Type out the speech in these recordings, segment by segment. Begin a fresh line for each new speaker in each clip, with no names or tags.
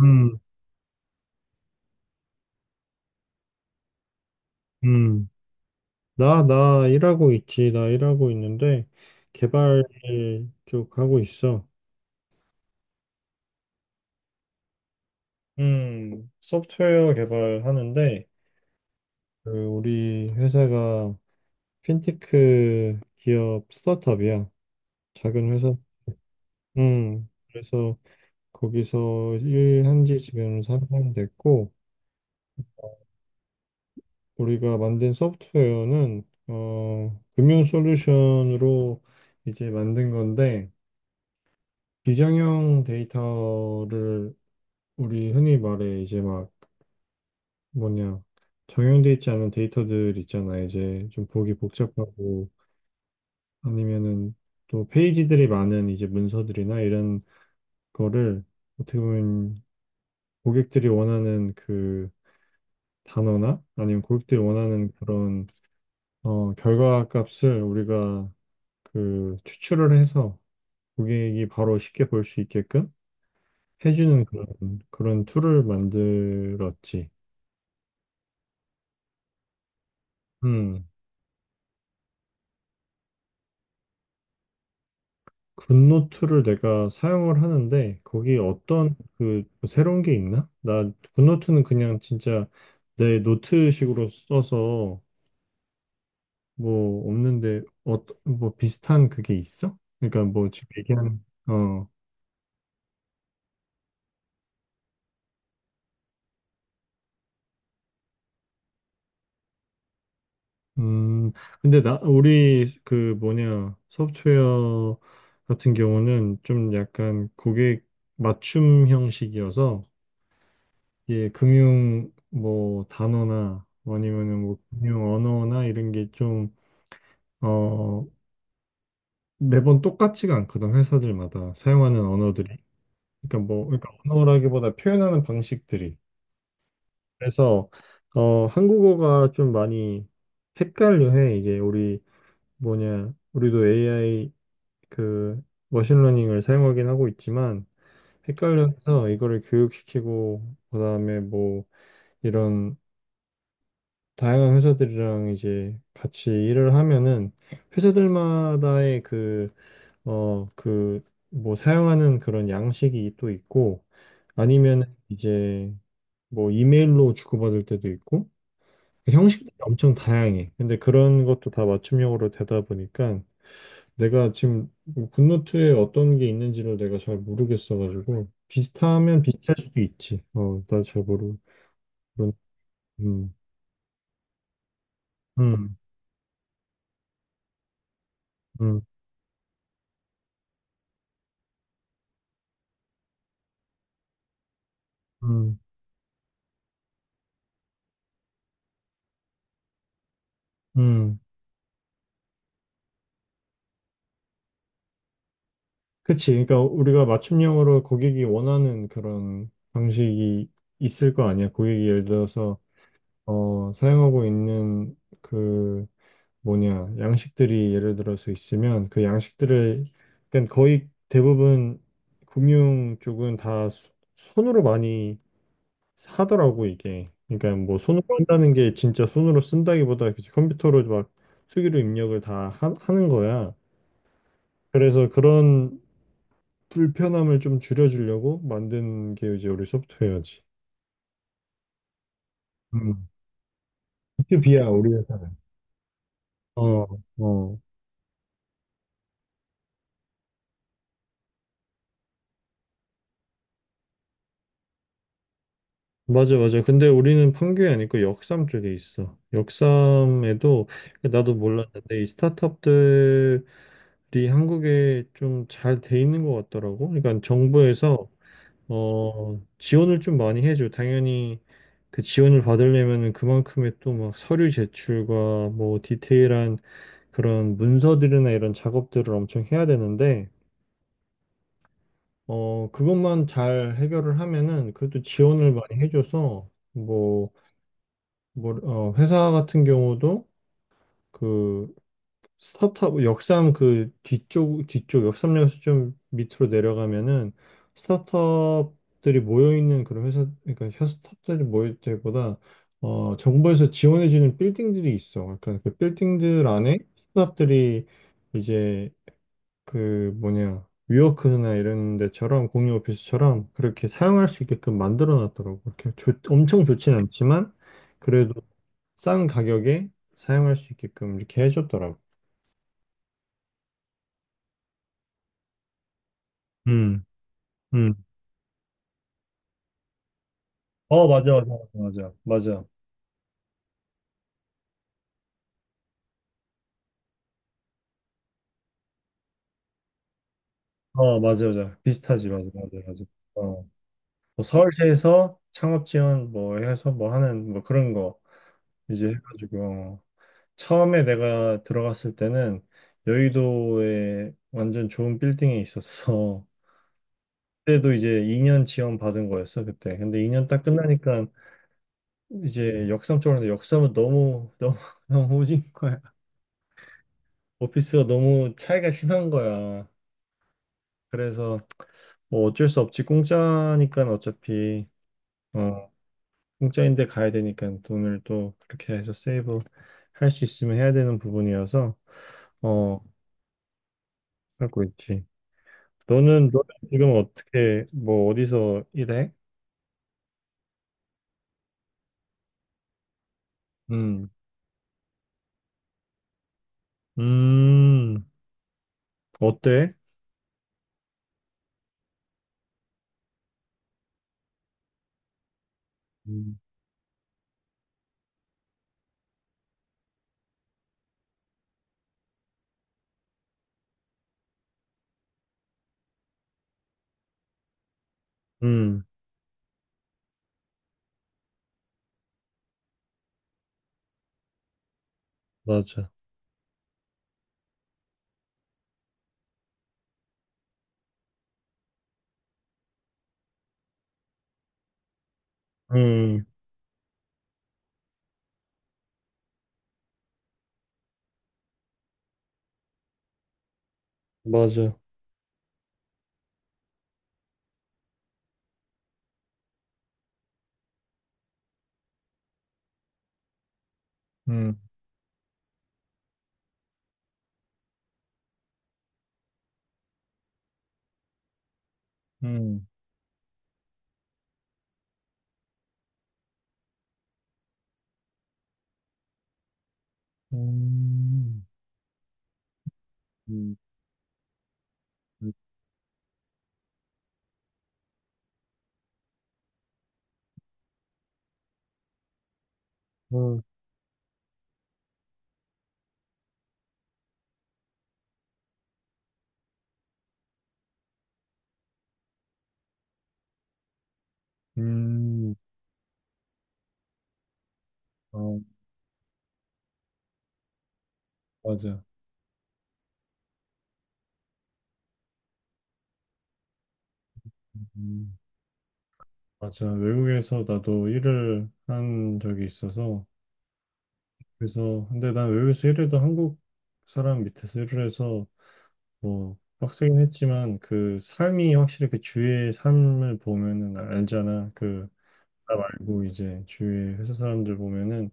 음, 음. 나 일하고 있지. 나 일하고 있는데, 개발 쪽 하고 있어. 소프트웨어 개발하는데, 그 우리 회사가 핀테크 기업 스타트업이야. 작은 회사. 그래서 거기서 일한 지 지금 3년 됐고, 우리가 만든 소프트웨어는, 금융 솔루션으로 이제 만든 건데, 비정형 데이터를 우리 흔히 말해 이제 막 뭐냐 정형돼 있지 않은 데이터들 있잖아 이제 좀 보기 복잡하고 아니면은 또 페이지들이 많은 이제 문서들이나 이런 거를 어떻게 보면 고객들이 원하는 그 단어나 아니면 고객들이 원하는 그런 결과 값을 우리가 그 추출을 해서 고객이 바로 쉽게 볼 수 있게끔 해주는 그런 툴을 만들었지. 음, 굿노트를 내가 사용을 하는데 거기 어떤 그뭐 새로운 게 있나? 나 굿노트는 그냥 진짜 내 노트식으로 써서 뭐 없는데 뭐 비슷한 그게 있어? 그러니까 뭐 지금 얘기는 어, 음, 근데 나 우리 그 뭐냐 소프트웨어 같은 경우는 좀 약간 고객 맞춤 형식이어서 이게 금융 뭐 단어나 아니면은 뭐 금융 언어나 이런 게 좀, 어, 매번 똑같지가 않거든, 회사들마다 사용하는 언어들이. 그러니까 뭐, 그러니까 언어라기보다 표현하는 방식들이. 그래서, 한국어가 좀 많이 헷갈려해. 이게 우리 뭐냐, 우리도 AI 그 머신러닝을 사용하긴 하고 있지만 헷갈려서 이거를 교육시키고 그다음에 뭐 이런 다양한 회사들이랑 이제 같이 일을 하면은 회사들마다의 그, 뭐 사용하는 그런 양식이 또 있고 아니면 이제 뭐 이메일로 주고받을 때도 있고 그 형식들이 엄청 다양해. 근데 그런 것도 다 맞춤형으로 되다 보니까 내가 지금 굿노트에 어떤 게 있는지를 내가 잘 모르겠어가지고 비슷하면 비슷할 수도 있지. 나 잘 모르고. 음, 음, 음, 음, 음. 그치. 그러니까 우리가 맞춤형으로 고객이 원하는 그런 방식이 있을 거 아니야. 고객이 예를 들어서 사용하고 있는 그 뭐냐 양식들이 예를 들어서 있으면 그 양식들을 그러니까 거의 대부분 금융 쪽은 다 손으로 많이 하더라고 이게. 그러니까 뭐 손으로 한다는 게 진짜 손으로 쓴다기보다 그치, 컴퓨터로 막 수기로 입력을 다 하는 거야. 그래서 그런 불편함을 좀 줄여주려고 만든 게 이제 우리 소프트웨어지. 음, b 2야 우리 회사는. 어, 어. 맞아, 맞아. 근데 우리는 판교에 아니고 역삼 쪽에 있어. 역삼에도 나도 몰랐는데 이 스타트업들이 한국에 좀 잘 돼 있는 것 같더라고. 그러니까 정부에서 지원을 좀 많이 해줘. 당연히 그 지원을 받으려면은 그만큼의 또 막 서류 제출과 뭐 디테일한 그런 문서들이나 이런 작업들을 엄청 해야 되는데, 그것만 잘 해결을 하면은 그래도 지원을 많이 해줘서, 회사 같은 경우도 그 스타트업, 역삼 그 뒤쪽, 역삼역에서 좀 밑으로 내려가면은 스타트업들이 모여있는 그런 회사, 그러니까 스타트업들이 모일 때보다 정부에서 지원해주는 빌딩들이 있어. 그러니까 그 빌딩들 안에 스타트업들이 이제 그 뭐냐 위워크나 이런 데처럼 공유 오피스처럼 그렇게 사용할 수 있게끔 만들어 놨더라고. 이렇게 엄청 좋진 않지만 그래도 싼 가격에 사용할 수 있게끔 이렇게 해줬더라고. 음, 음. 어, 맞아, 맞아, 맞아, 맞아. 맞아. 어, 맞아, 맞아. 비슷하지, 맞아, 맞아, 맞아. 어, 뭐 서울시에서 창업 지원 뭐 해서 뭐 하는 뭐 그런 거 이제 해가지고. 처음에 내가 들어갔을 때는 여의도에 완전 좋은 빌딩에 있었어. 그때도 이제 2년 지원 받은 거였어 그때. 근데 2년 딱 끝나니까 이제 역삼 쪽으로 했는데 역삼은 너무 너무 너무 오진 거야. 오피스가 너무 차이가 심한 거야. 그래서 뭐 어쩔 수 없지 공짜니까 어차피 어 공짜인데 가야 되니까 돈을 또 그렇게 해서 세이브 할 수 있으면 해야 되는 부분이어서 어 하고 있지. 너는 지금 어떻게 뭐 어디서 일해? 음. 음 어때? 음, 음, 맞아. 음, 맞아. 음, 음, 음, 음, 그렇구나. 음, 어, 맞아. 음, 맞아. 외국에서 나도 일을 한 적이 있어서, 그래서, 근데 난 외국에서 일해도 한국 사람 밑에서 일을 해서, 뭐, 빡세긴 했지만, 그 삶이 확실히 그 주위의 삶을 보면은 알잖아. 그, 나 말고 이제 주위 회사 사람들 보면은,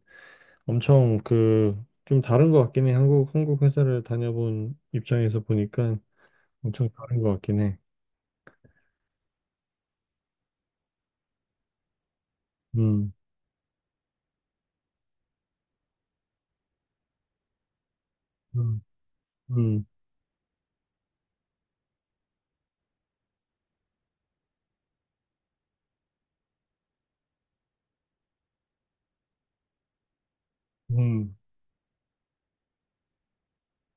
엄청 그 좀 다른 것 같긴 해. 한국 회사를 다녀본 입장에서 보니까 엄청 다른 것 같긴 해. 음, 음, 음, 음.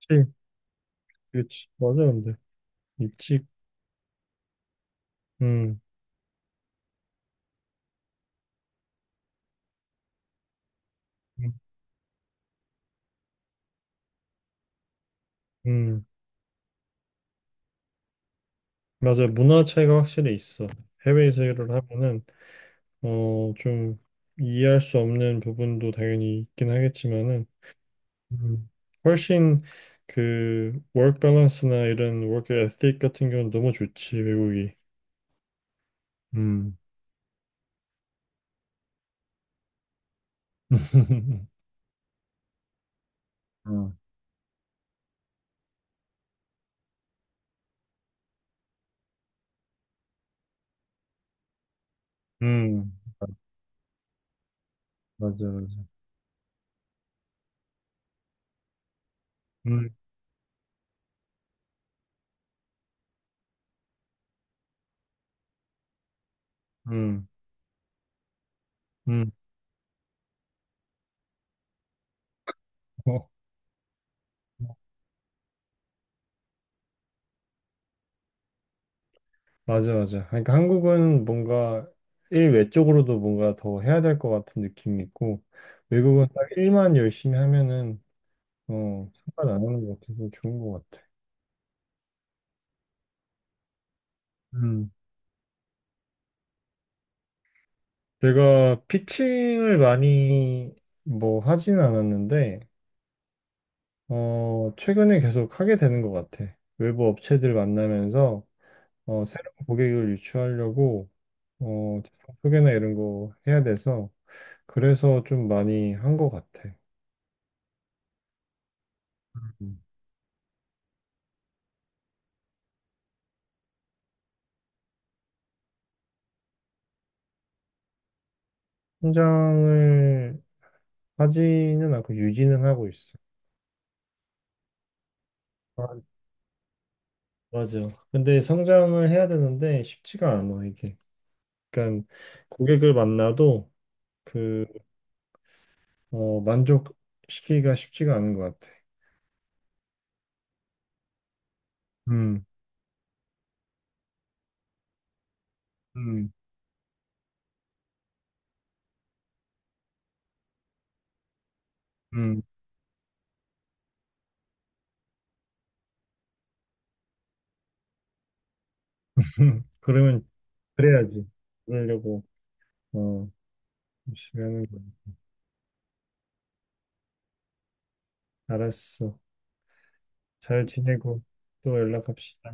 그치, 그치. 맞아, 근데 입직, 음, 음, 음. 맞아. 문화 차이가 확실히 있어. 해외에서 일을 하면은 좀 이해할 수 없는 부분도 당연히 있긴 하겠지만은 음, 훨씬 그 워크 밸런스나 이런 워크 에틱 같은 경우는 너무 좋지, 외국이. 음. 음, 음, 맞아, 맞아. 음, 음, 음. 어, 맞아, 맞아. 그러니까 한국은 뭔가 일외 쪽으로도 뭔가 더 해야 될 것 같은 느낌이 있고, 외국은 딱 일만 열심히 하면은, 상관 안 하는 것 같아서 좋은 것 같아. 음, 제가 피칭을 많이 뭐 하진 않았는데, 최근에 계속 하게 되는 것 같아. 외부 업체들 만나면서 새로운 고객을 유치하려고 제품 소개나 이런 거 해야 돼서 그래서 좀 많이 한 것 같아. 음. 성장을 하지는 않고 유지는 하고 있어. 아, 맞아. 근데 성장을 해야 되는데 쉽지가 않아, 이게. 그러니까 고객을 만나도 그, 만족시키기가 쉽지가 않은 것 같아. 음, 음, 음. 그러면 그래야지. 그러려고, 어, 열심히 하는 거야. 알았어. 잘 지내고 또 연락합시다.